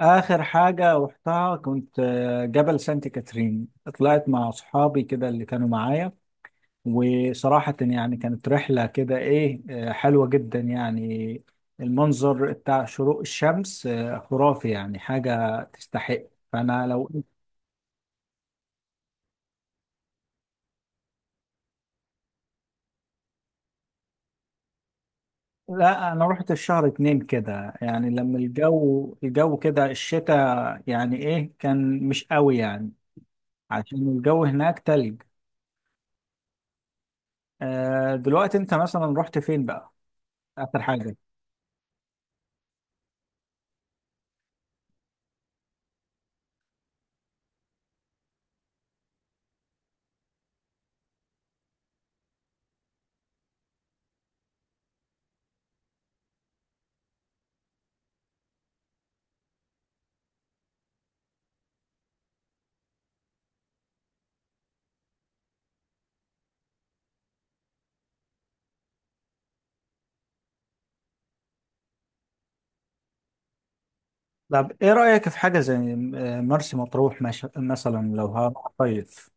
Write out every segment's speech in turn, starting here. آخر حاجة رحتها كنت جبل سانت كاترين. طلعت مع أصحابي كده اللي كانوا معايا. وصراحة يعني كانت رحلة كده، إيه، حلوة جدا يعني. المنظر بتاع شروق الشمس خرافي، يعني حاجة تستحق. فأنا لو. لا، أنا رحت في شهر اتنين كده، يعني لما الجو كده الشتاء، يعني إيه كان مش قوي يعني. عشان الجو هناك تلج. دلوقتي أنت مثلا رحت فين بقى آخر حاجة؟ طب ايه رأيك في حاجة زي مرسي مطروح مثلا لو هصيف؟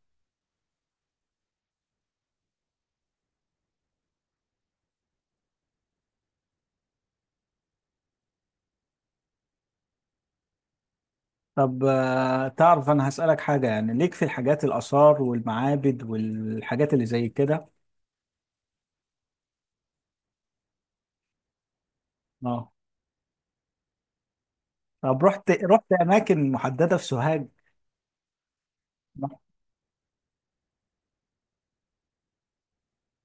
طب تعرف، انا هسألك حاجة، يعني ليك في الحاجات، الآثار والمعابد والحاجات اللي زي كده؟ اه. طب رحت اماكن محددة في سوهاج؟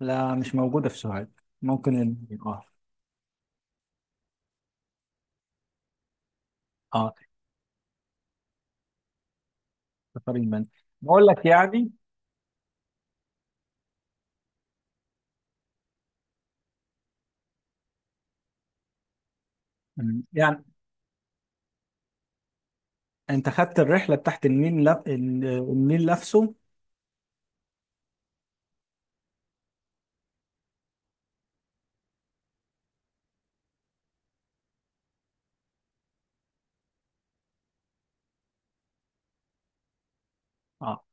لا، مش موجودة في سوهاج. ممكن المنيا، اه. اه. سفر المنيا. بقول لك يعني. مم. يعني انت خدت الرحلة بتاعت النيل النيل نفسه؟ اه.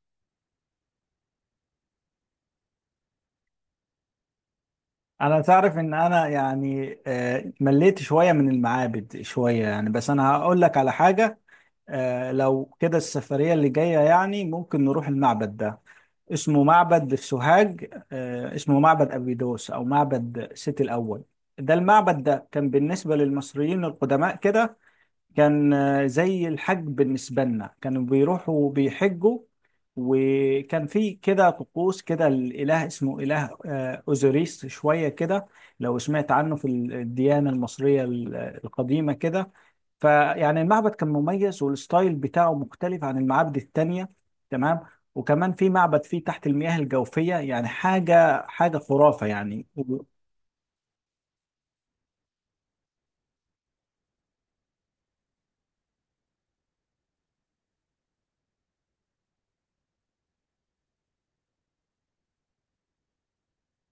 انا تعرف ان انا يعني مليت شويه من المعابد، شويه يعني، بس انا هقول لك على حاجه. لو كده، السفريه اللي جايه يعني ممكن نروح المعبد ده، اسمه معبد في سوهاج اسمه معبد أبيدوس او معبد سيتي الاول. ده المعبد ده كان بالنسبه للمصريين القدماء كده، كان زي الحج بالنسبة لنا، كانوا بيروحوا بيحجوا. وكان في كده طقوس كده، الإله اسمه إله أوزوريس شوية كده، لو سمعت عنه في الديانة المصرية القديمة كده. فيعني المعبد كان مميز، والستايل بتاعه مختلف عن المعابد التانية، تمام؟ وكمان في معبد فيه تحت المياه الجوفية، يعني حاجة حاجة خرافة يعني.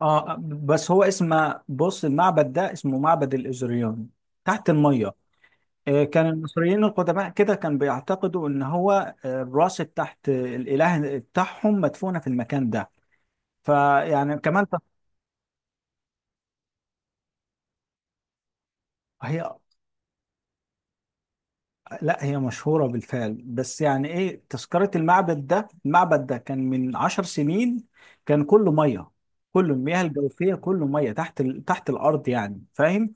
اه بس هو اسم، بص، المعبد ده اسمه معبد الإزريون، تحت المية. كان المصريين القدماء كده كان بيعتقدوا ان هو الراس تحت، الاله بتاعهم مدفونة في المكان ده. فيعني كمان هي لا، هي مشهورة بالفعل، بس يعني ايه تذكرة المعبد ده، المعبد ده كان من عشر سنين، كان كله مية، كله المياه الجوفية، كله مية تحت تحت الأرض يعني، فاهم؟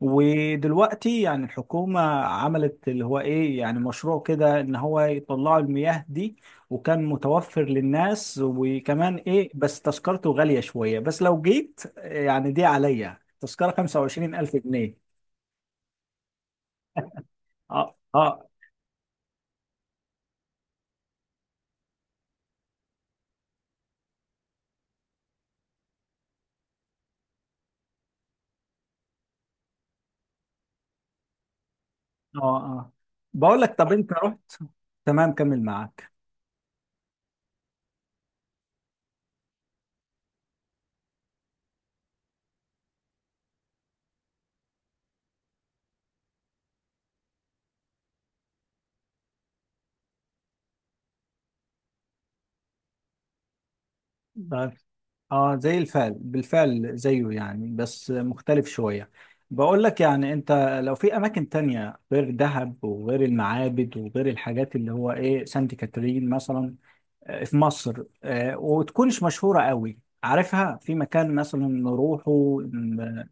ودلوقتي يعني الحكومة عملت اللي هو ايه، يعني مشروع كده ان هو يطلعوا المياه دي، وكان متوفر للناس، وكمان ايه بس تذكرته غالية شوية، بس لو جيت يعني دي عليا تذكرة 25,000 جنيه. اه اه اه اه. بقول لك، طب انت رحت؟ تمام، كمل معاك. اه زي الفعل، بالفعل زيه يعني، بس مختلف شوية. بقول لك، يعني انت، لو في اماكن تانية غير دهب وغير المعابد وغير الحاجات اللي هو ايه سانت كاترين مثلا في مصر وتكونش مشهورة قوي، عارفها، في مكان مثلا نروحه ن-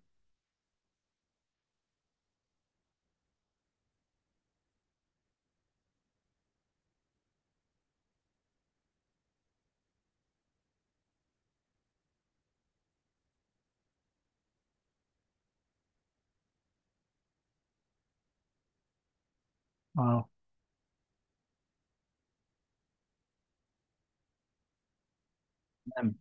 اه. نعم.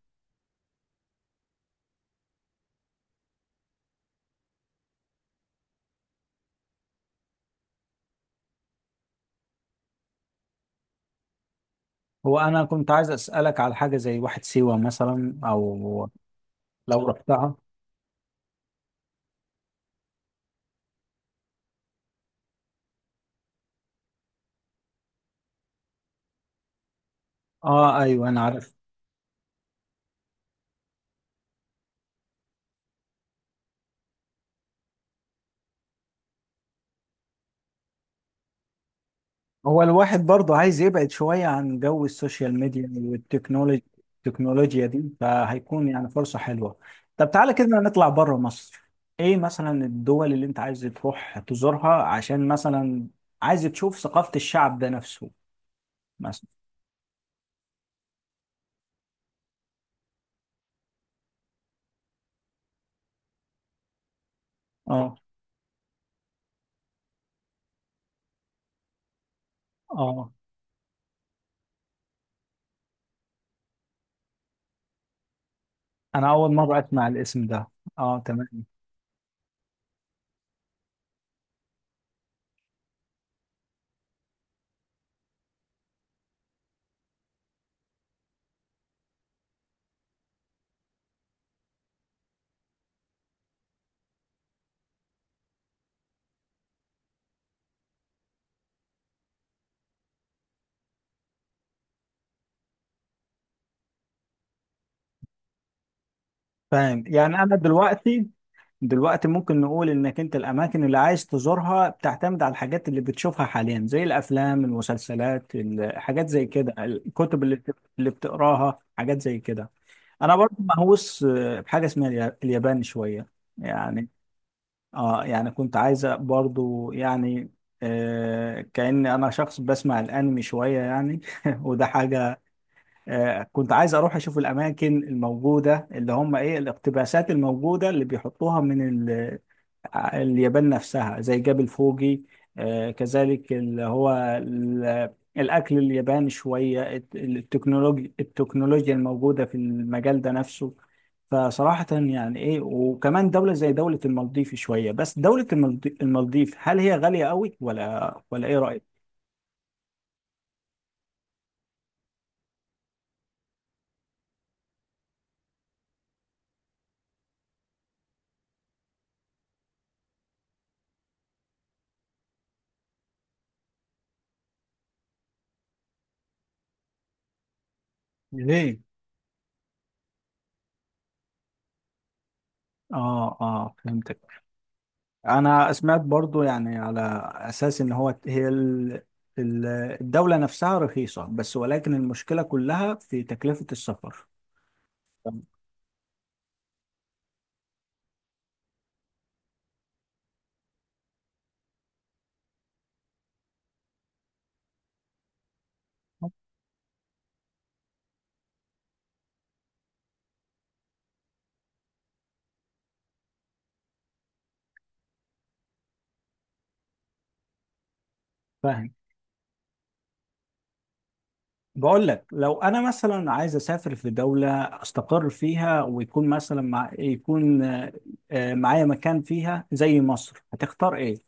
هو انا كنت عايز اسألك على حاجة زي واحد سيوة مثلا، او لو رحتها. اه، ايوه انا عارف. هو الواحد برضه عايز يبعد شوية عن جو السوشيال ميديا والتكنولوجيا، التكنولوجيا دي، فهيكون يعني فرصة حلوة. طب تعالى كده نطلع بره مصر. ايه مثلا الدول اللي انت عايز تروح تزورها، عشان مثلا عايز تشوف ثقافة الشعب ده نفسه، مثلا؟ اه. اه، انا اول مرة اسمع الاسم ده. اه، تمام. فاهم، يعني انا دلوقتي، دلوقتي ممكن نقول انك انت الاماكن اللي عايز تزورها بتعتمد على الحاجات اللي بتشوفها حاليا، زي الافلام، المسلسلات، حاجات زي كده، الكتب اللي اللي بتقراها، حاجات زي كده. انا برضو مهووس بحاجه اسمها اليابان شويه، يعني، اه يعني، كنت عايزه برضو يعني كأني انا شخص بسمع الانمي شويه يعني وده حاجه. كنت عايز اروح اشوف الاماكن الموجوده، اللي هم ايه، الاقتباسات الموجوده اللي بيحطوها من اليابان نفسها زي جبل فوجي، كذلك اللي هو ال- الأكل الياباني شوية، التكنولوجيا الموجودة في المجال ده نفسه. فصراحة يعني إيه، وكمان دولة زي دولة المالديف شوية، بس دولة المالديف، هل هي غالية قوي ولا إيه رأيك؟ ليه؟ آه آه، فهمتك. انا سمعت برضو يعني، على اساس ان هو هي ال- الدولة نفسها رخيصة بس، ولكن المشكلة كلها في تكلفة السفر. فاهم. بقول لك لو انا مثلا عايز اسافر في دولة استقر فيها، ويكون مثلا، مع يكون معايا مكان فيها زي مصر، هتختار ايه؟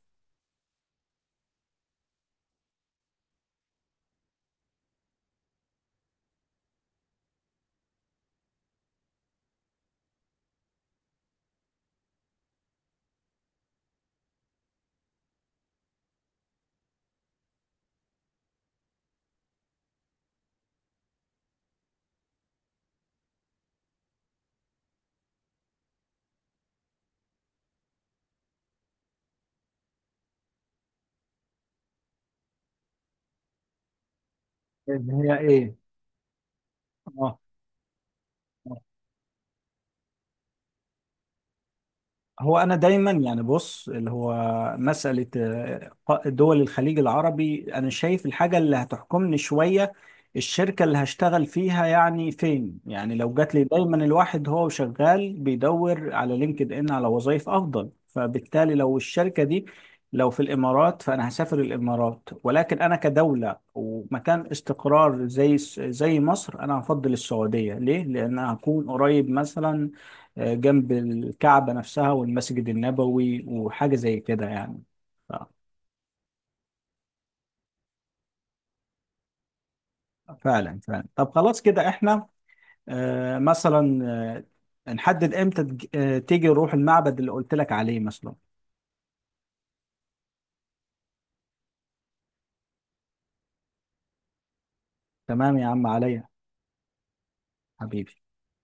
اللي هي ايه؟ اه. هو انا دايما يعني، بص، اللي هو مساله دول الخليج العربي، انا شايف الحاجه اللي هتحكمني شويه الشركه اللي هشتغل فيها يعني فين، يعني لو جات لي. دايما الواحد هو شغال بيدور على لينكد ان على وظائف افضل، فبالتالي لو الشركه دي لو في الامارات، فانا هسافر الامارات، ولكن انا كدوله ومكان استقرار زي زي مصر انا هفضل السعوديه، ليه، لان هكون قريب مثلا جنب الكعبة نفسها والمسجد النبوي وحاجة زي كده يعني. ف- فعلا فعلا. طب خلاص كده احنا مثلا نحدد امتى تيجي نروح المعبد اللي قلت لك عليه مثلا. تمام يا عم، عليا. حبيبي.